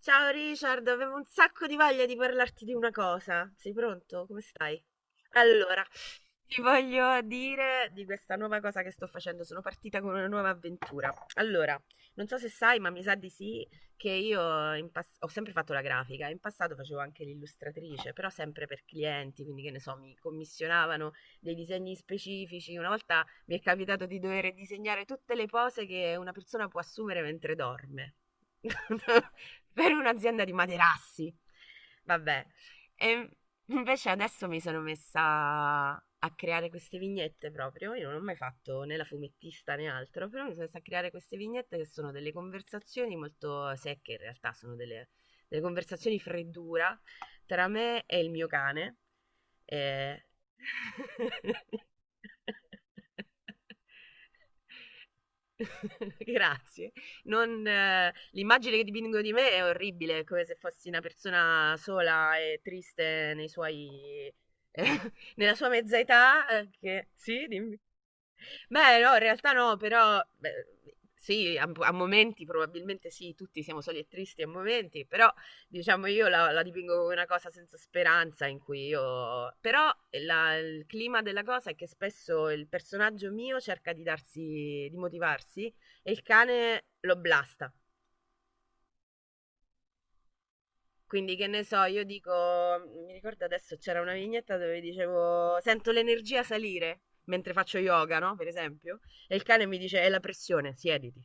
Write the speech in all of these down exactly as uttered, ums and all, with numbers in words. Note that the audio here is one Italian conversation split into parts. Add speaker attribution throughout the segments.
Speaker 1: Ciao Richard, avevo un sacco di voglia di parlarti di una cosa. Sei pronto? Come stai? Allora, ti voglio dire di questa nuova cosa che sto facendo. Sono partita con una nuova avventura. Allora, non so se sai, ma mi sa di sì, che io in pass- ho sempre fatto la grafica. In passato facevo anche l'illustratrice, però sempre per clienti, quindi che ne so, mi commissionavano dei disegni specifici. Una volta mi è capitato di dover disegnare tutte le pose che una persona può assumere mentre dorme per un'azienda di materassi. Vabbè, e invece adesso mi sono messa a creare queste vignette proprio. Io non ho mai fatto né la fumettista né altro, però mi sono messa a creare queste vignette che sono delle conversazioni molto secche, in realtà sono delle, delle conversazioni freddura tra me e il mio cane eh. Grazie. Non, eh, L'immagine che dipingo di me è orribile, è come se fossi una persona sola e triste nei suoi, nella sua mezza età. Eh, che... Sì, dimmi. Beh, no, in realtà no, però beh, sì, a, a momenti probabilmente sì, tutti siamo soli e tristi a momenti, però diciamo io la, la dipingo come una cosa senza speranza in cui io... Però la- il clima della cosa è che spesso il personaggio mio cerca di darsi, di motivarsi e il cane lo blasta. Quindi che ne so, io dico, mi ricordo adesso c'era una vignetta dove dicevo sento l'energia salire mentre faccio yoga, no? Per esempio, e il cane mi dice è la pressione, siediti.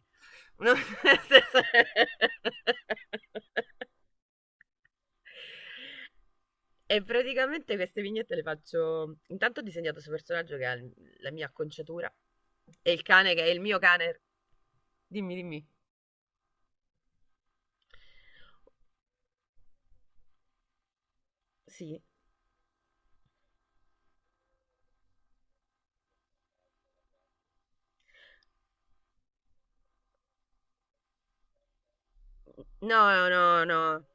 Speaker 1: No? E praticamente queste vignette le faccio. Intanto ho disegnato questo personaggio che ha il- la mia acconciatura e il cane che è il mio cane. Dimmi, dimmi. Sì. No, no, no.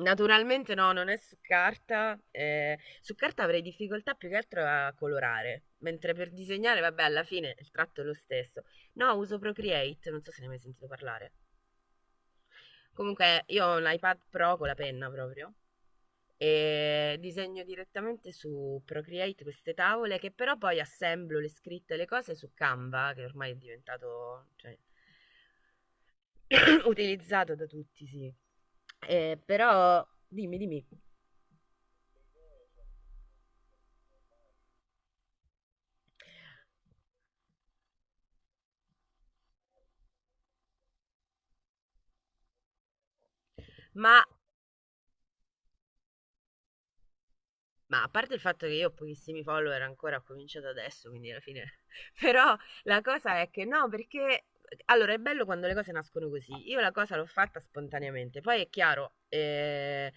Speaker 1: Naturalmente no, non è su carta. Eh, su carta avrei difficoltà più che altro a colorare, mentre per disegnare, vabbè, alla fine il tratto è lo stesso. No, uso Procreate, non so se ne hai mai sentito parlare. Comunque, io ho un iPad Pro con la penna proprio e disegno direttamente su Procreate queste tavole che però poi assemblo le scritte e le cose su Canva, che ormai è diventato, cioè, utilizzato da tutti, sì. Eh, però dimmi, dimmi. Ma Ma a parte il fatto che io ho pochissimi follower ancora, ho cominciato adesso, quindi alla fine... Però la cosa è che no, perché... Allora, è bello quando le cose nascono così. Io la cosa l'ho fatta spontaneamente. Poi è chiaro, eh,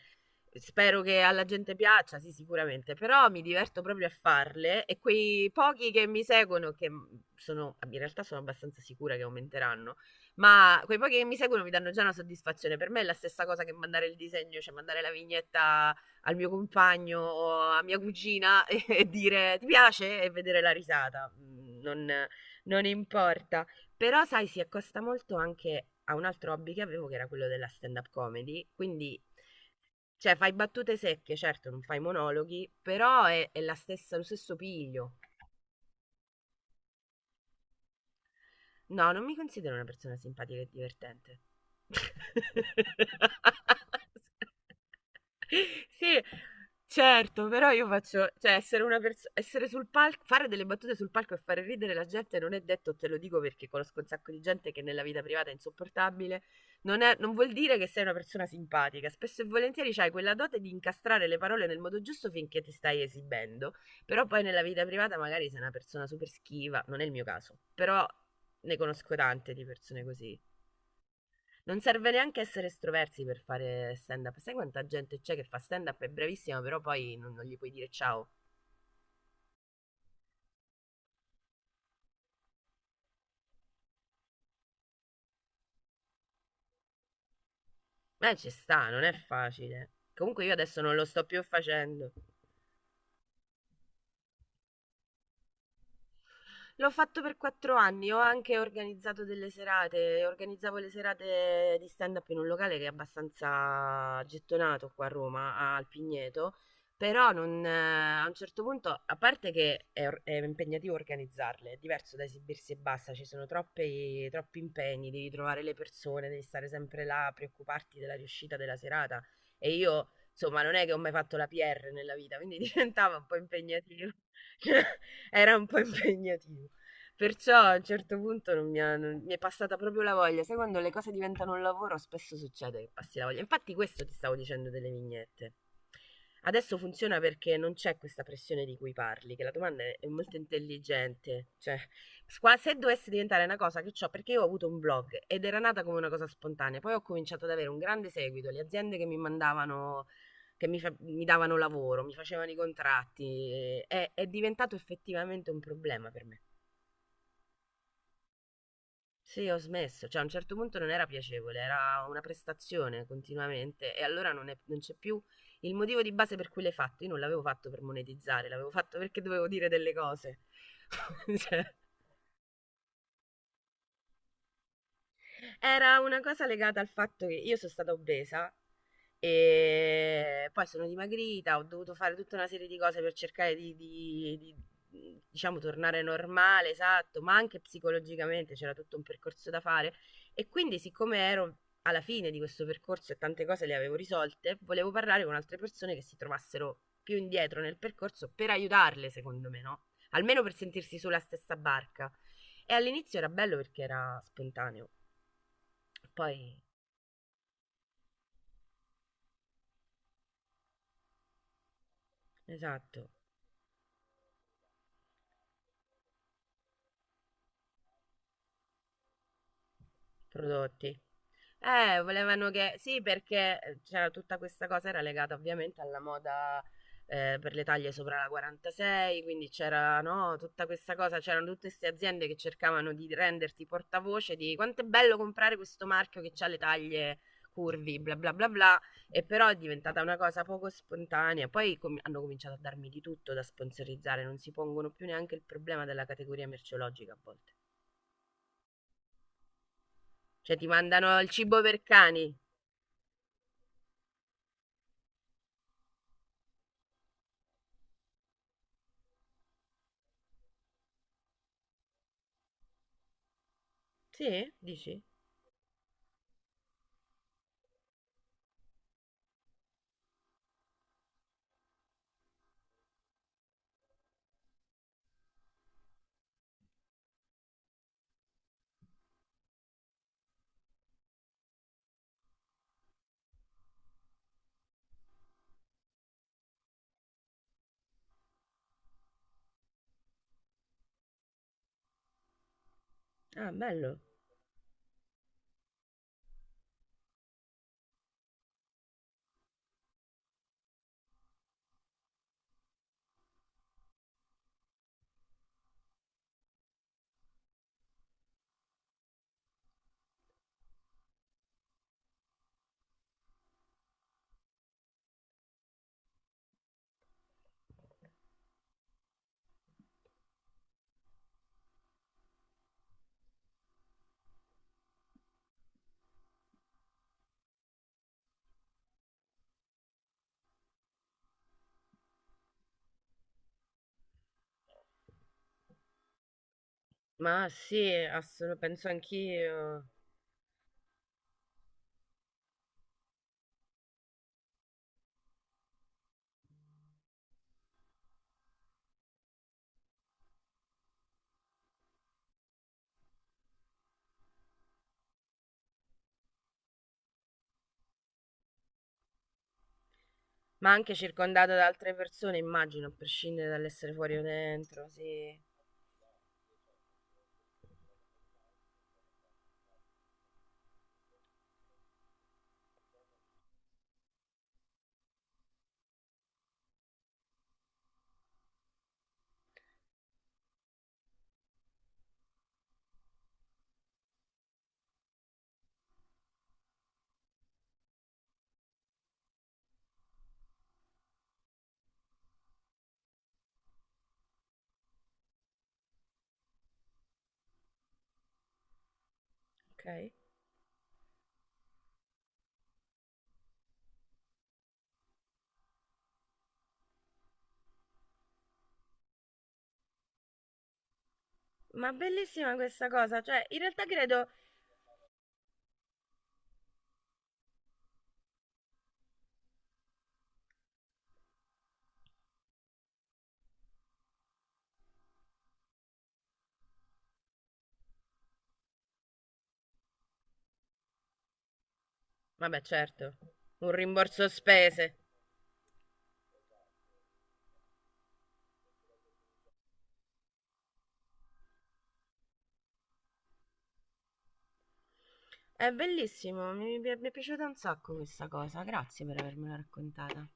Speaker 1: spero che alla gente piaccia, sì, sicuramente, però mi diverto proprio a farle e quei pochi che mi seguono, che sono, in realtà sono abbastanza sicura che aumenteranno, ma quei pochi che mi seguono mi danno già una soddisfazione. Per me è la stessa cosa che mandare il disegno, cioè mandare la vignetta al mio compagno o a mia cugina e e dire ti piace e vedere la risata. Mm, Non, non importa. Però, sai, si accosta molto anche a un altro hobby che avevo che era quello della stand-up comedy. Quindi, cioè, fai battute secche, certo, non fai monologhi, però è, è la stessa, lo stesso piglio. No, non mi considero una persona simpatica e divertente. Sì, certo, però io faccio, cioè essere una persona, essere sul palco, fare delle battute sul palco e fare ridere la gente non è detto, te lo dico perché conosco un sacco di gente che nella vita privata è insopportabile, non, è- non vuol dire che sei una persona simpatica, spesso e volentieri c'hai quella dote di incastrare le parole nel modo giusto finché ti stai esibendo, però poi nella vita privata magari sei una persona super schiva, non è il mio caso, però ne conosco tante di persone così. Non serve neanche essere estroversi per fare stand up. Sai quanta gente c'è che fa stand up, è bravissima, però poi non, non gli puoi dire ciao. Ma ci sta, non è facile. Comunque io adesso non lo sto più facendo. L'ho fatto per quattro anni, ho anche organizzato delle serate, organizzavo le serate di stand-up in un locale che è abbastanza gettonato qua a Roma, al Pigneto, però non, eh, a un certo punto, a parte che è, or- è impegnativo organizzarle, è diverso da esibirsi e basta, ci sono troppi, troppi impegni, devi trovare le persone, devi stare sempre là, preoccuparti della riuscita della serata e io... Insomma, non è che ho mai fatto la P R nella vita, quindi diventava un po' impegnativo. Era un po' impegnativo. Perciò a un certo punto non mi, ha- non- mi è passata proprio la voglia. Sai quando le cose diventano un lavoro, spesso succede che passi la voglia. Infatti, questo ti stavo dicendo delle vignette. Adesso funziona perché non c'è questa pressione di cui parli, che la domanda è è molto intelligente. Cioè, qua- se dovesse diventare una cosa che ho, perché io ho avuto un blog ed era nata come una cosa spontanea, poi ho cominciato ad avere un grande seguito, le aziende che mi mandavano, che mi, fa- mi davano lavoro, mi facevano i contratti, eh, è è diventato effettivamente un problema per me. Sì, ho smesso, cioè a un certo punto non era piacevole, era una prestazione continuamente e allora non, è- non c'è più il motivo di base per cui l'hai fatto. Io non l'avevo fatto per monetizzare, l'avevo fatto perché dovevo dire delle cose. Cioè, era una cosa legata al fatto che io sono stata obesa e poi sono dimagrita, ho dovuto fare tutta una serie di cose per cercare di, di- di, diciamo, tornare normale, esatto, ma anche psicologicamente c'era tutto un percorso da fare. E quindi, siccome ero alla fine di questo percorso e tante cose le avevo risolte, volevo parlare con altre persone che si trovassero più indietro nel percorso per aiutarle, secondo me, no? Almeno per sentirsi sulla stessa barca. E all'inizio era bello perché era spontaneo. Poi, esatto, prodotti. Eh, volevano che... Sì, perché eh, c'era tutta questa cosa, era legata ovviamente alla moda eh, per le taglie sopra la quarantasei, quindi c'era, no, tutta questa cosa, c'erano tutte queste aziende che cercavano di renderti portavoce di quanto è bello comprare questo marchio che ha le taglie curvi, bla bla bla bla, e però è diventata una cosa poco spontanea. Poi com- hanno cominciato a darmi di tutto da sponsorizzare, non si pongono più neanche il problema della categoria merceologica a volte. Cioè ti mandano il cibo per cani. Sì, dici? Ah, bello. Ma sì, assolut- penso anch'io. Ma anche circondato da altre persone, immagino, a prescindere dall'essere fuori o dentro, sì. Ok. Ma bellissima questa cosa, cioè, in realtà credo... Vabbè, certo, un rimborso spese. È bellissimo, mi, mi è mi è piaciuta un sacco questa cosa, grazie per avermela raccontata.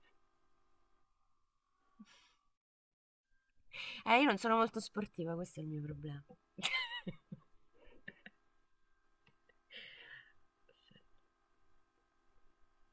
Speaker 1: Eh, io non sono molto sportiva, questo è il mio problema.